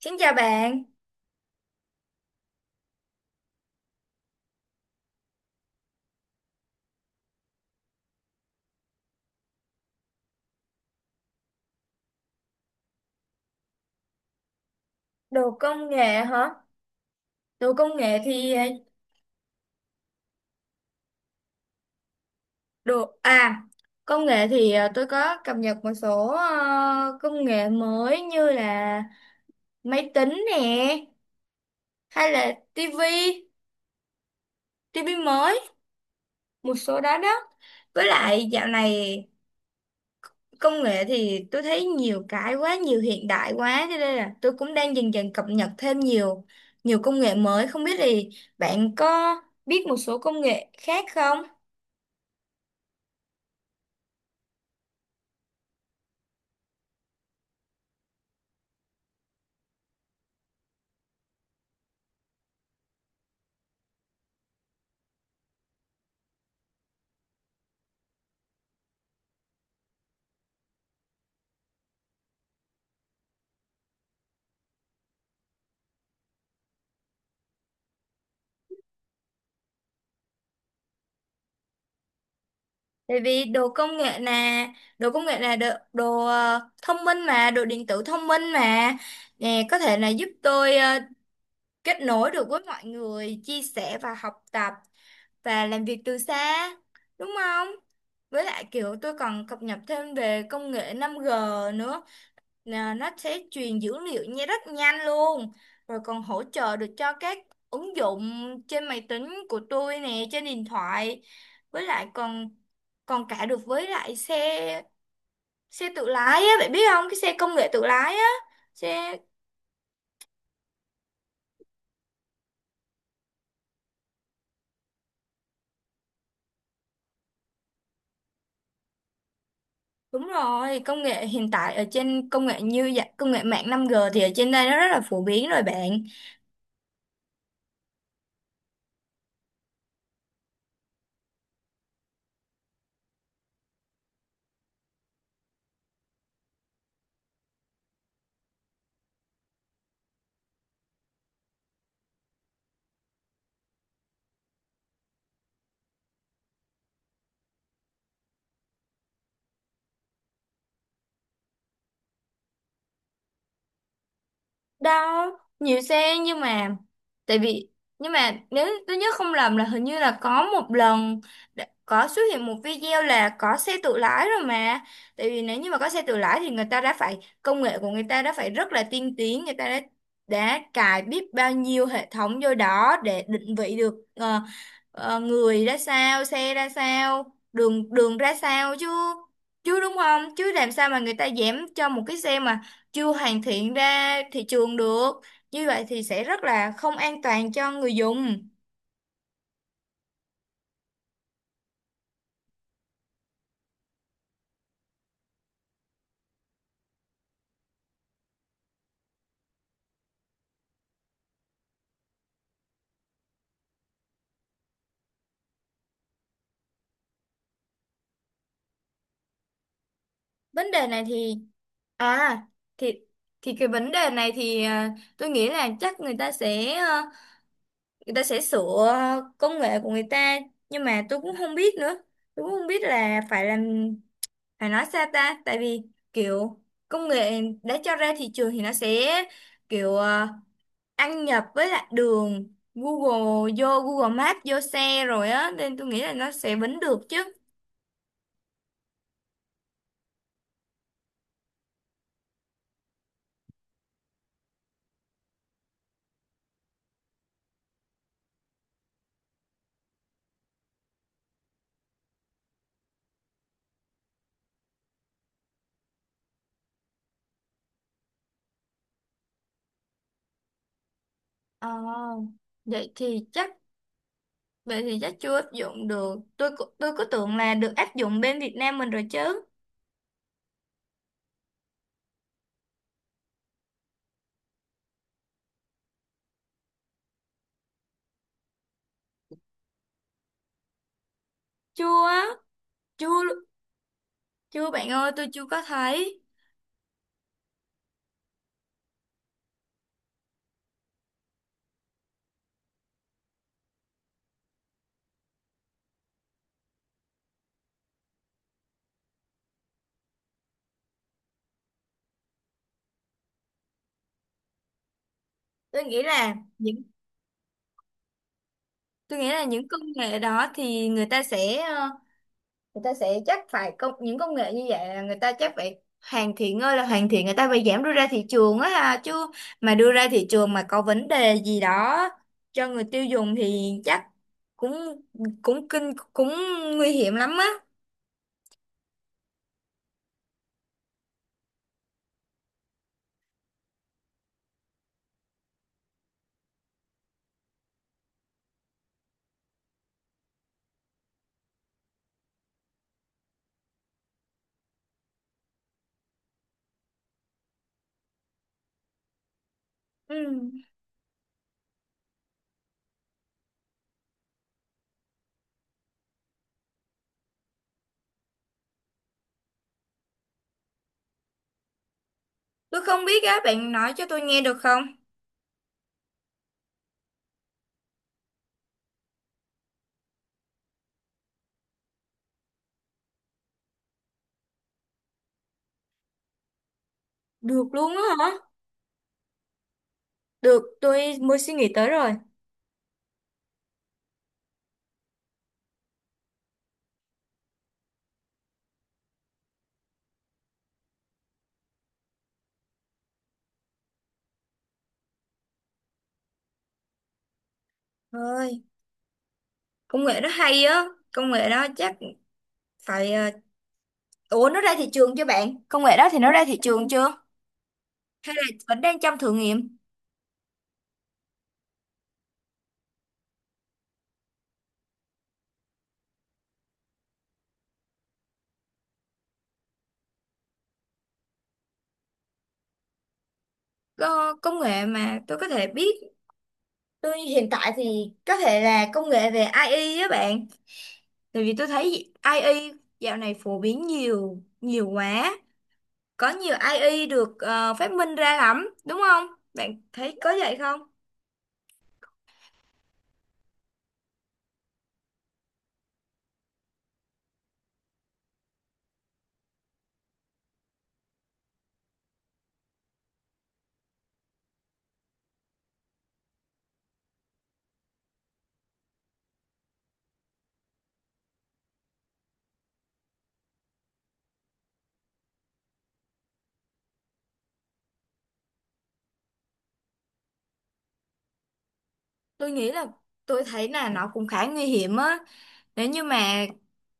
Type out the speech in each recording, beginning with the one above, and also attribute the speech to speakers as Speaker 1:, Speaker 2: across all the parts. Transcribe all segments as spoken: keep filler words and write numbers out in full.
Speaker 1: Xin chào bạn. Đồ công nghệ hả? Đồ công nghệ thì ờ, đồ à công nghệ thì ờ, tôi có cập nhật một số ờ, công nghệ mới như là máy tính nè, hay là tivi tivi mới, một số đó đó. Với lại dạo này công nghệ thì tôi thấy nhiều cái quá, nhiều hiện đại quá, cho nên là tôi cũng đang dần dần cập nhật thêm nhiều nhiều công nghệ mới. Không biết thì bạn có biết một số công nghệ khác không? Tại vì đồ công nghệ là đồ công nghệ là đồ, đồ ờ, thông minh mà, đồ điện tử thông minh mà nè, có thể là giúp tôi ờ, kết nối được với mọi người, chia sẻ và học tập và làm việc từ xa, đúng không? Với lại kiểu tôi còn cập nhật thêm về công nghệ năm g nữa. Nè, nó sẽ truyền dữ liệu nha, rất nhanh luôn, rồi còn hỗ trợ được cho các ứng dụng trên máy tính của tôi nè, trên điện thoại, với lại còn còn cả được với lại xe xe tự lái á, bạn biết không, cái xe công nghệ tự lái á, xe. Đúng rồi, công nghệ hiện tại ở trên công nghệ như vậy công nghệ mạng năm gờ thì ở trên đây nó rất là phổ biến rồi bạn. Đâu, nhiều xe nhưng mà tại vì nhưng mà nếu tôi nhớ không lầm là hình như là có một lần đã- có xuất hiện một video là có xe tự lái rồi mà. Tại vì nếu như mà có xe tự lái thì người ta đã phải công nghệ của người ta đã phải rất là tiên tiến, người ta đã đã cài biết bao nhiêu hệ thống vô đó để định vị được ờ, ờ, người ra sao, xe ra sao, đường đường ra sao chứ, chứ đúng không, chứ làm sao mà người ta dám cho một cái xe mà chưa hoàn thiện ra thị trường được, như vậy thì sẽ rất là không an toàn cho người dùng. Vấn đề này thì à thì thì Cái vấn đề này thì à, tôi nghĩ là chắc người ta sẽ à, người ta sẽ sửa công nghệ của người ta, nhưng mà tôi cũng không biết nữa, tôi cũng không biết là phải làm, phải nói sao ta. Tại vì kiểu công nghệ đã cho ra thị trường thì nó sẽ kiểu ờ, ăn nhập với lại đường Google, vô Google Maps vô xe rồi á, nên tôi nghĩ là nó sẽ bính được chứ. ờ, vậy thì chắc Vậy thì chắc chưa áp dụng được, tôi cứ- tôi cứ tưởng là được áp dụng bên Việt Nam mình rồi chứ. Chưa, chưa, chưa bạn ơi, tôi chưa có thấy. tôi nghĩ là những tôi nghĩ là những công nghệ đó thì người ta sẽ ờ, người ta sẽ chắc phải công, những công nghệ như vậy là người ta chắc phải hoàn thiện ơi là hoàn thiện, người ta phải giảm đưa ra thị trường á ha chứ. Mà đưa ra thị trường mà có vấn đề gì đó cho người tiêu dùng thì chắc cũng, cũng kinh cũng nguy hiểm lắm á. Ừ. Tôi không biết á, bạn nói cho tôi nghe được không? Được luôn á hả? Được, tôi mới suy nghĩ tới rồi. Ơi, công nghệ đó hay á. Công nghệ đó chắc phải ờ, Ủa, nó ra thị trường chưa bạn, công nghệ đó thì nó ra thị trường chưa hay là vẫn đang trong thử nghiệm? Ờ, Công nghệ mà tôi có thể biết, tôi hiện tại thì có thể là công nghệ về ây ai á bạn, tại vì tôi thấy ây ai dạo này phổ biến nhiều nhiều quá, có nhiều ây ai được ờ, phát minh ra lắm, đúng không, bạn thấy có vậy không? tôi nghĩ là tôi thấy là nó cũng khá nguy hiểm á, nếu như mà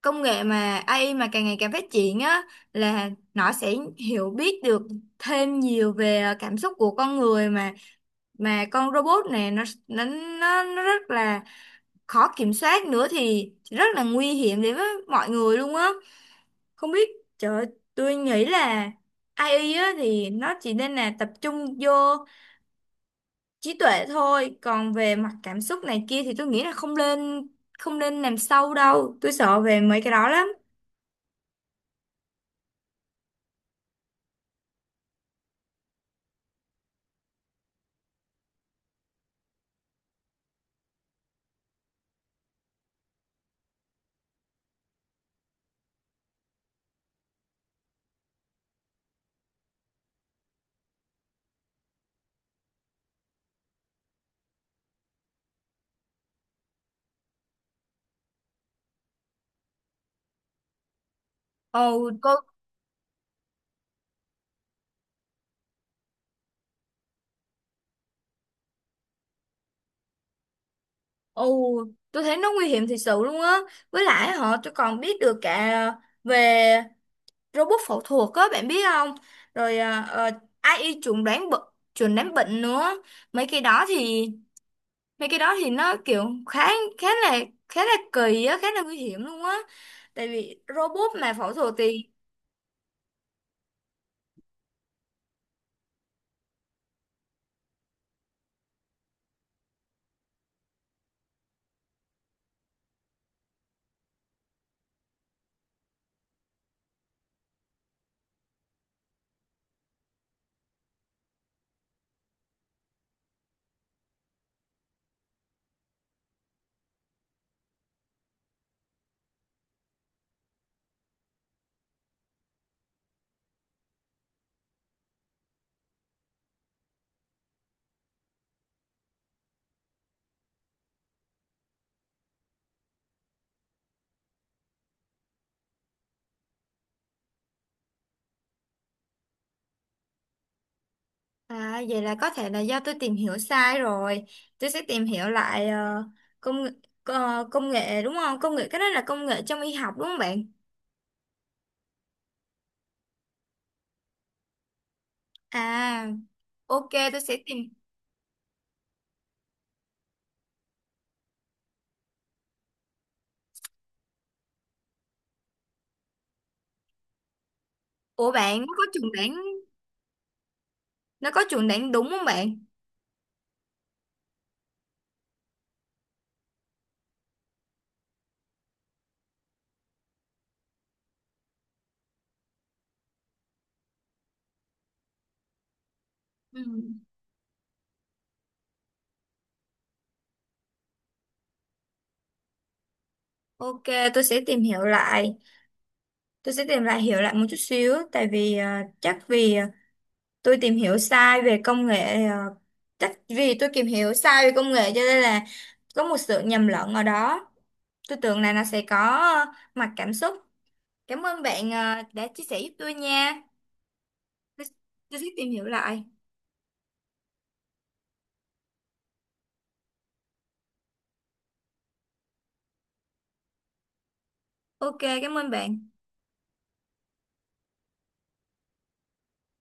Speaker 1: công nghệ mà a i mà càng ngày càng phát triển á, là nó sẽ hiểu biết được thêm nhiều về cảm xúc của con người, mà mà con robot này nó nó nó, nó rất là khó kiểm soát nữa thì rất là nguy hiểm đến với mọi người luôn á. Không biết, trời ơi, tôi nghĩ là a i á, thì nó chỉ nên là tập trung vô trí tuệ thôi, còn về mặt cảm xúc này kia thì tôi nghĩ là không nên, không nên làm sâu đâu, tôi sợ về mấy cái đó lắm. Ồ cô, ồ, tôi thấy nó nguy hiểm thật sự luôn á, với lại họ, tôi còn biết được cả về robot phẫu thuật á, bạn biết không? Rồi à, ờ, ây ai chuẩn đoán bệnh, chuẩn đoán bệnh nữa. mấy cái đó thì Mấy cái đó thì nó kiểu khá, khá là khá là kỳ á, khá là nguy hiểm luôn á, tại vì robot mà phẫu thuật thì. À, vậy là có thể là do tôi tìm hiểu sai rồi, tôi sẽ tìm hiểu lại ờ, công nghệ, ờ, công nghệ đúng không, công nghệ cái đó là công nghệ trong y học đúng không bạn? À, ok, tôi sẽ tìm. Ủa bạn, nó có chuẩn đoán, nó có chuẩn đoán đúng không bạn? Ừ. Ok, tôi sẽ tìm hiểu lại. Tôi sẽ tìm lại hiểu lại một chút xíu, tại vì à, chắc vì à, tôi tìm hiểu sai về công nghệ, à, chắc vì tôi tìm hiểu sai về công nghệ cho nên là có một sự nhầm lẫn ở đó. Tôi tưởng là nó sẽ có à, mặt cảm xúc. Cảm ơn bạn à, đã chia sẻ giúp tôi nha. Tôi, tôi sẽ tìm hiểu lại. Ok, cảm ơn bạn.